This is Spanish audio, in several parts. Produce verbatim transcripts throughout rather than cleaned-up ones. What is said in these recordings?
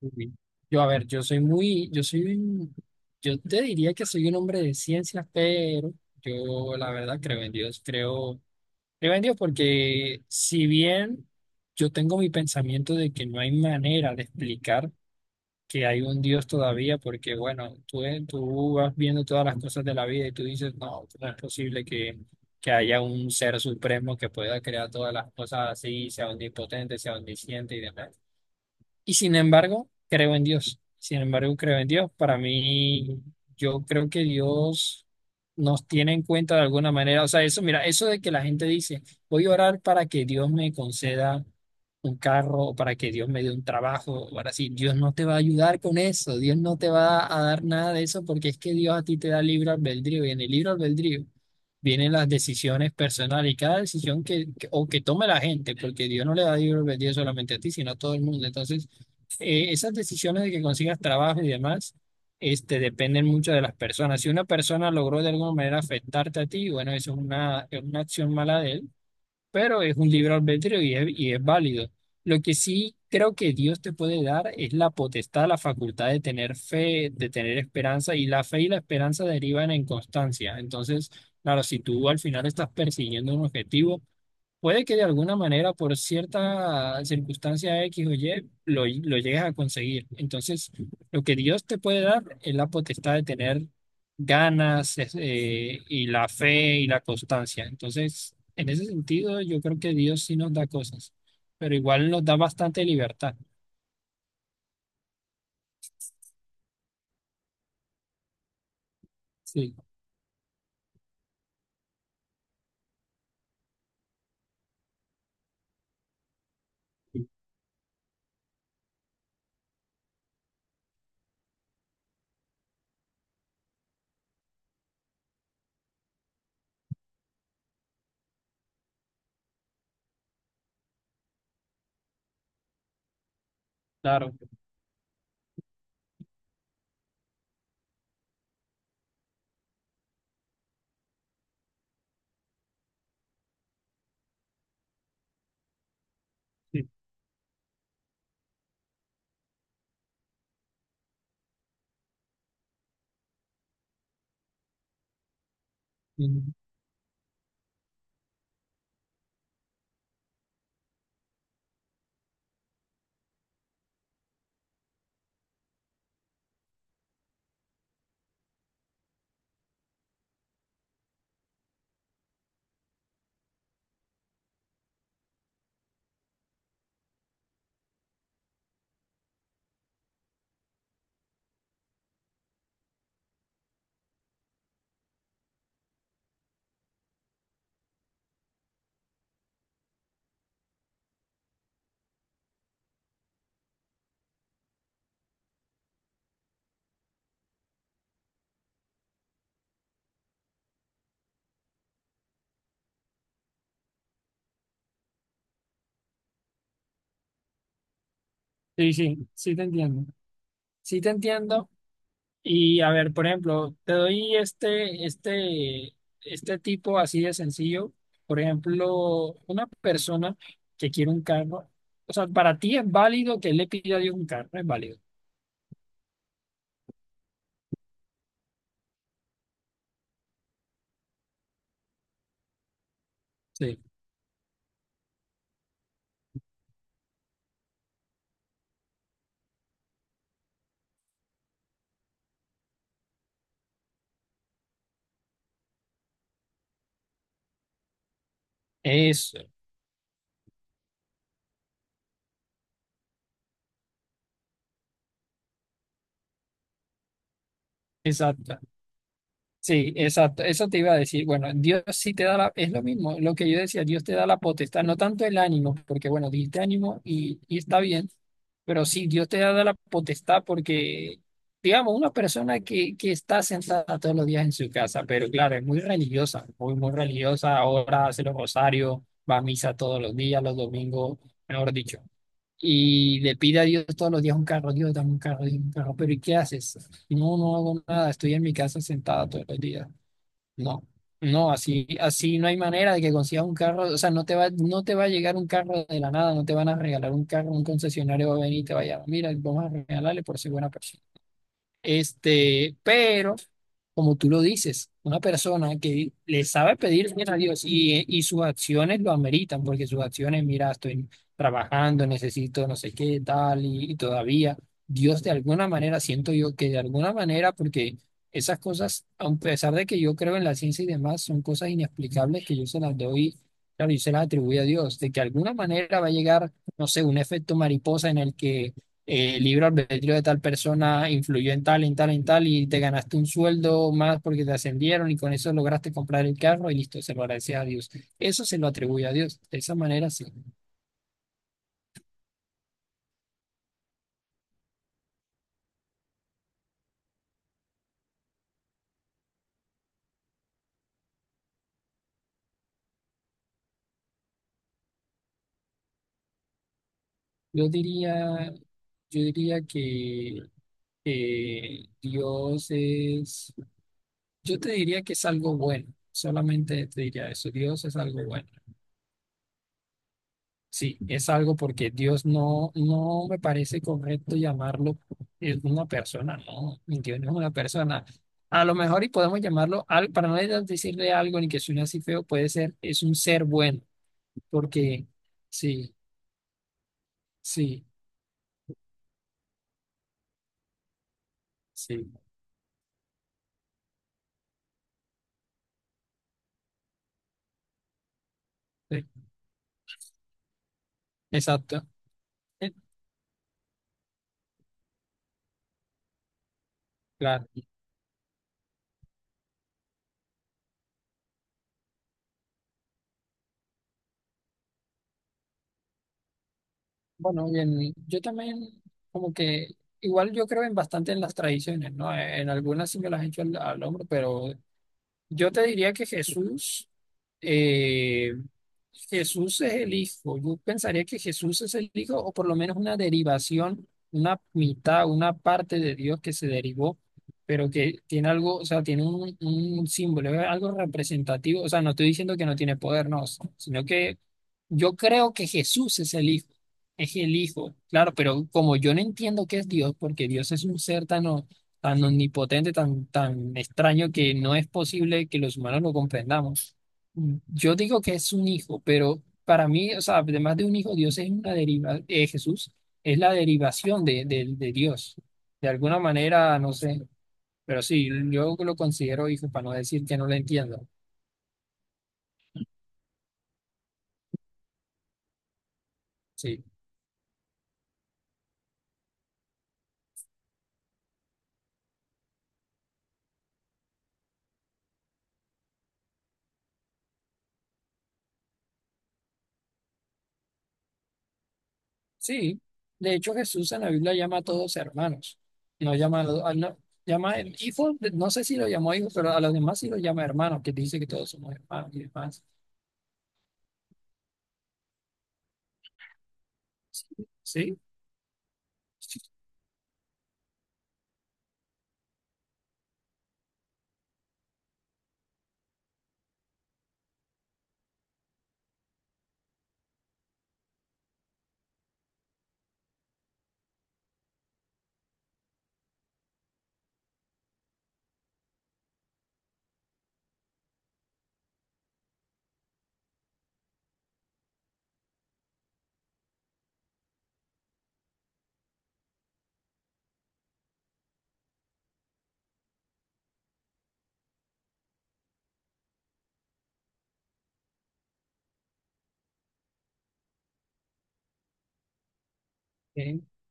Uy. Yo, a ver, yo soy muy, yo soy un- yo te diría que soy un hombre de ciencias, pero yo la verdad creo en Dios, creo, creo en Dios porque si bien yo tengo mi pensamiento de que no hay manera de explicar que hay un Dios todavía, porque bueno, tú, tú vas viendo todas las cosas de la vida y tú dices, no, no es posible que, que haya un ser supremo que pueda crear todas las cosas así, sea omnipotente, sea omnisciente y demás. Y sin embargo, creo en Dios. Sin embargo, creo en Dios. Para mí, yo creo que Dios nos tiene en cuenta de alguna manera. O sea, eso, mira, eso de que la gente dice, voy a orar para que Dios me conceda un carro o para que Dios me dé un trabajo. Ahora sí, Dios no te va a ayudar con eso. Dios no te va a dar nada de eso porque es que Dios a ti te da libre albedrío. Y en el libre albedrío vienen las decisiones personales y cada decisión que, que- o que tome la gente, porque Dios no le da libre albedrío solamente a ti, sino a todo el mundo. Entonces, eh, esas decisiones de que consigas trabajo y demás, este, dependen mucho de las personas. Si una persona logró de alguna manera afectarte a ti, bueno, eso es una, es una acción mala de él, pero es un libre albedrío y es, y es válido. Lo que sí creo que Dios te puede dar es la potestad, la facultad de tener fe, de tener esperanza, y la fe y la esperanza derivan en constancia. Entonces, claro, si tú al final estás persiguiendo un objetivo, puede que de alguna manera, por cierta circunstancia X o Y, lo, lo llegues a conseguir. Entonces, lo que Dios te puede dar es la potestad de tener ganas, es- eh, y la fe y la constancia. Entonces, en ese sentido, yo creo que Dios sí nos da cosas, pero igual nos da bastante libertad. Sí, claro. Sí, sí, sí, sí te entiendo. Sí te entiendo. Y a ver, por ejemplo, te doy este, este, este tipo así de sencillo. Por ejemplo, una persona que quiere un carro, o sea, para ti es válido que él le pida a Dios un carro, es válido. Sí. Eso, exacto. Sí, exacto. Eso te iba a decir. Bueno, Dios sí te da la, es lo mismo, lo que yo decía, Dios te da la potestad, no tanto el ánimo, porque bueno, dijiste ánimo y, y está bien, pero sí, Dios te da la potestad porque, digamos, una persona que, que está sentada todos los días en su casa, pero claro, es muy religiosa, muy, muy religiosa, ahora hace los rosarios, va a misa todos los días, los domingos, mejor dicho, y le pide a Dios todos los días un carro, Dios, dame un carro, Dios, un carro, pero ¿y qué haces? No, no hago nada, estoy en mi casa sentada todo el día. No, no, así, así no hay manera de que consigas un carro, o sea, no te va, no te va a llegar un carro de la nada, no te van a regalar un carro, un concesionario va a venir y te va a llamar, mira, vamos a regalarle por ser buena persona. Este, pero como tú lo dices, una persona que le sabe pedir bien a Dios y, y sus acciones lo ameritan, porque sus acciones, mira, estoy trabajando, necesito no sé qué, tal, y, y todavía Dios de alguna manera, siento yo que de alguna manera, porque esas cosas, a pesar de que yo creo en la ciencia y demás, son cosas inexplicables que yo se las doy, claro, yo se las atribuyo a Dios, de que de alguna manera va a llegar, no sé, un efecto mariposa en el que eh, libre albedrío de tal persona influyó en tal, en tal, en tal, y te ganaste un sueldo más porque te ascendieron y con eso lograste comprar el carro y listo, se lo agradeces a Dios. Eso se lo atribuye a Dios. De esa manera, sí. Yo diría, yo diría que eh, Dios es, yo te diría que es algo bueno. Solamente te diría eso, Dios es algo bueno. Sí, es algo porque Dios no, no me parece correcto llamarlo eh, una persona, no, Dios no es una persona. A lo mejor y podemos llamarlo, al- para no de- decirle algo ni que suene así feo, puede ser, es un ser bueno, porque sí, sí, sí, sí, exacto, eh, claro. Bueno, bien, yo también como que, igual yo creo en bastante en las tradiciones, ¿no? En algunas sí me las he hecho al, al hombro, pero yo te diría que Jesús, eh, Jesús es el Hijo. Yo pensaría que Jesús es el Hijo, o por lo menos una derivación, una mitad, una parte de Dios que se derivó, pero que tiene algo, o sea, tiene un, un símbolo, es algo representativo. O sea, no estoy diciendo que no tiene poder, no, sino que yo creo que Jesús es el Hijo, es el Hijo, claro, pero como yo no entiendo qué es Dios, porque Dios es un ser tan tan omnipotente, tan, tan extraño que no es posible que los humanos lo comprendamos. Yo digo que es un hijo, pero para mí, o sea, además de un hijo, Dios es una deriva, eh, Jesús es la derivación de, de, de Dios. De alguna manera, no sé, pero sí, yo lo considero hijo para no decir que no lo entiendo. Sí, sí. De hecho, Jesús en la Biblia llama a todos hermanos. No llama a los, a- no, llama el hijo, no sé si lo llamó hijo, pero a los demás sí lo llama hermanos, que dice que todos somos hermanos y demás. Sí, sí.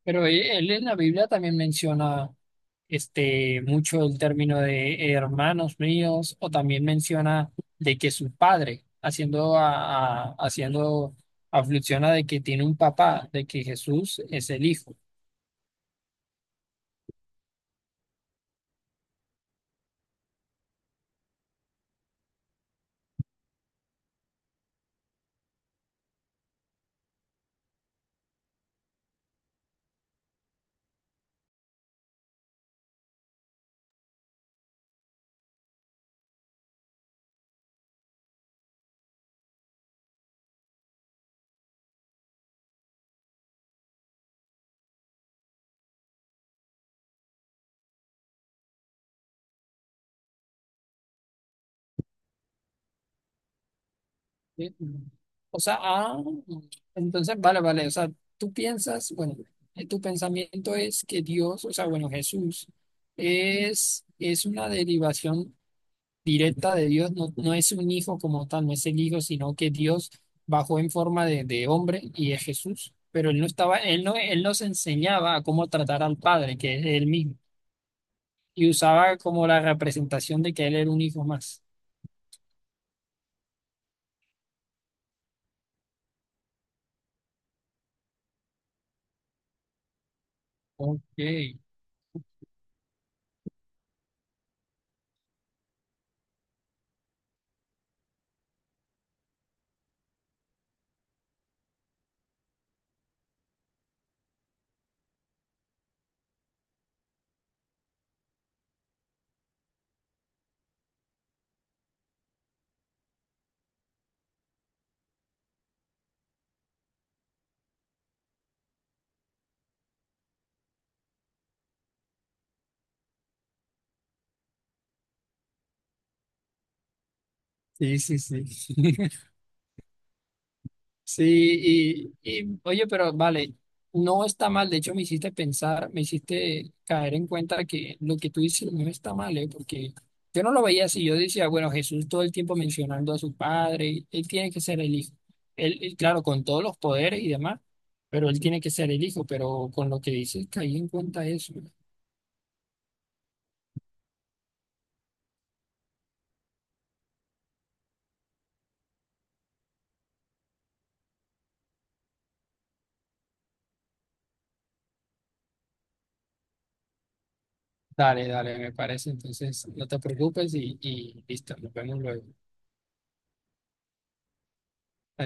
Pero él, él en la Biblia también menciona este mucho el término de hermanos míos, o también menciona de que su padre, haciendo a, a- haciendo aflicción a de que tiene un papá, de que Jesús es el hijo. ¿Sí? O sea, ah, entonces vale, vale. O sea, tú piensas, bueno, eh, tu pensamiento es que Dios, o sea, bueno, Jesús es, es una derivación directa de Dios, no, no es un hijo como tal, no es el hijo, sino que Dios bajó en forma de, de hombre y es Jesús. Pero él no estaba, él no, él nos enseñaba a cómo tratar al Padre, que es él mismo, y usaba como la representación de que él era un hijo más. Ok, sí, sí, sí. Sí, y, y, oye, pero vale, no está mal, de hecho me hiciste pensar, me hiciste caer en cuenta que lo que tú dices no está mal, ¿eh? Porque yo no lo veía así, yo decía, bueno, Jesús todo el tiempo mencionando a su padre, él tiene que ser el hijo, él, él, claro, con todos los poderes y demás, pero él tiene que ser el hijo, pero con lo que dices caí en cuenta eso. Dale, dale, me parece, entonces no te preocupes y, y listo, nos vemos luego.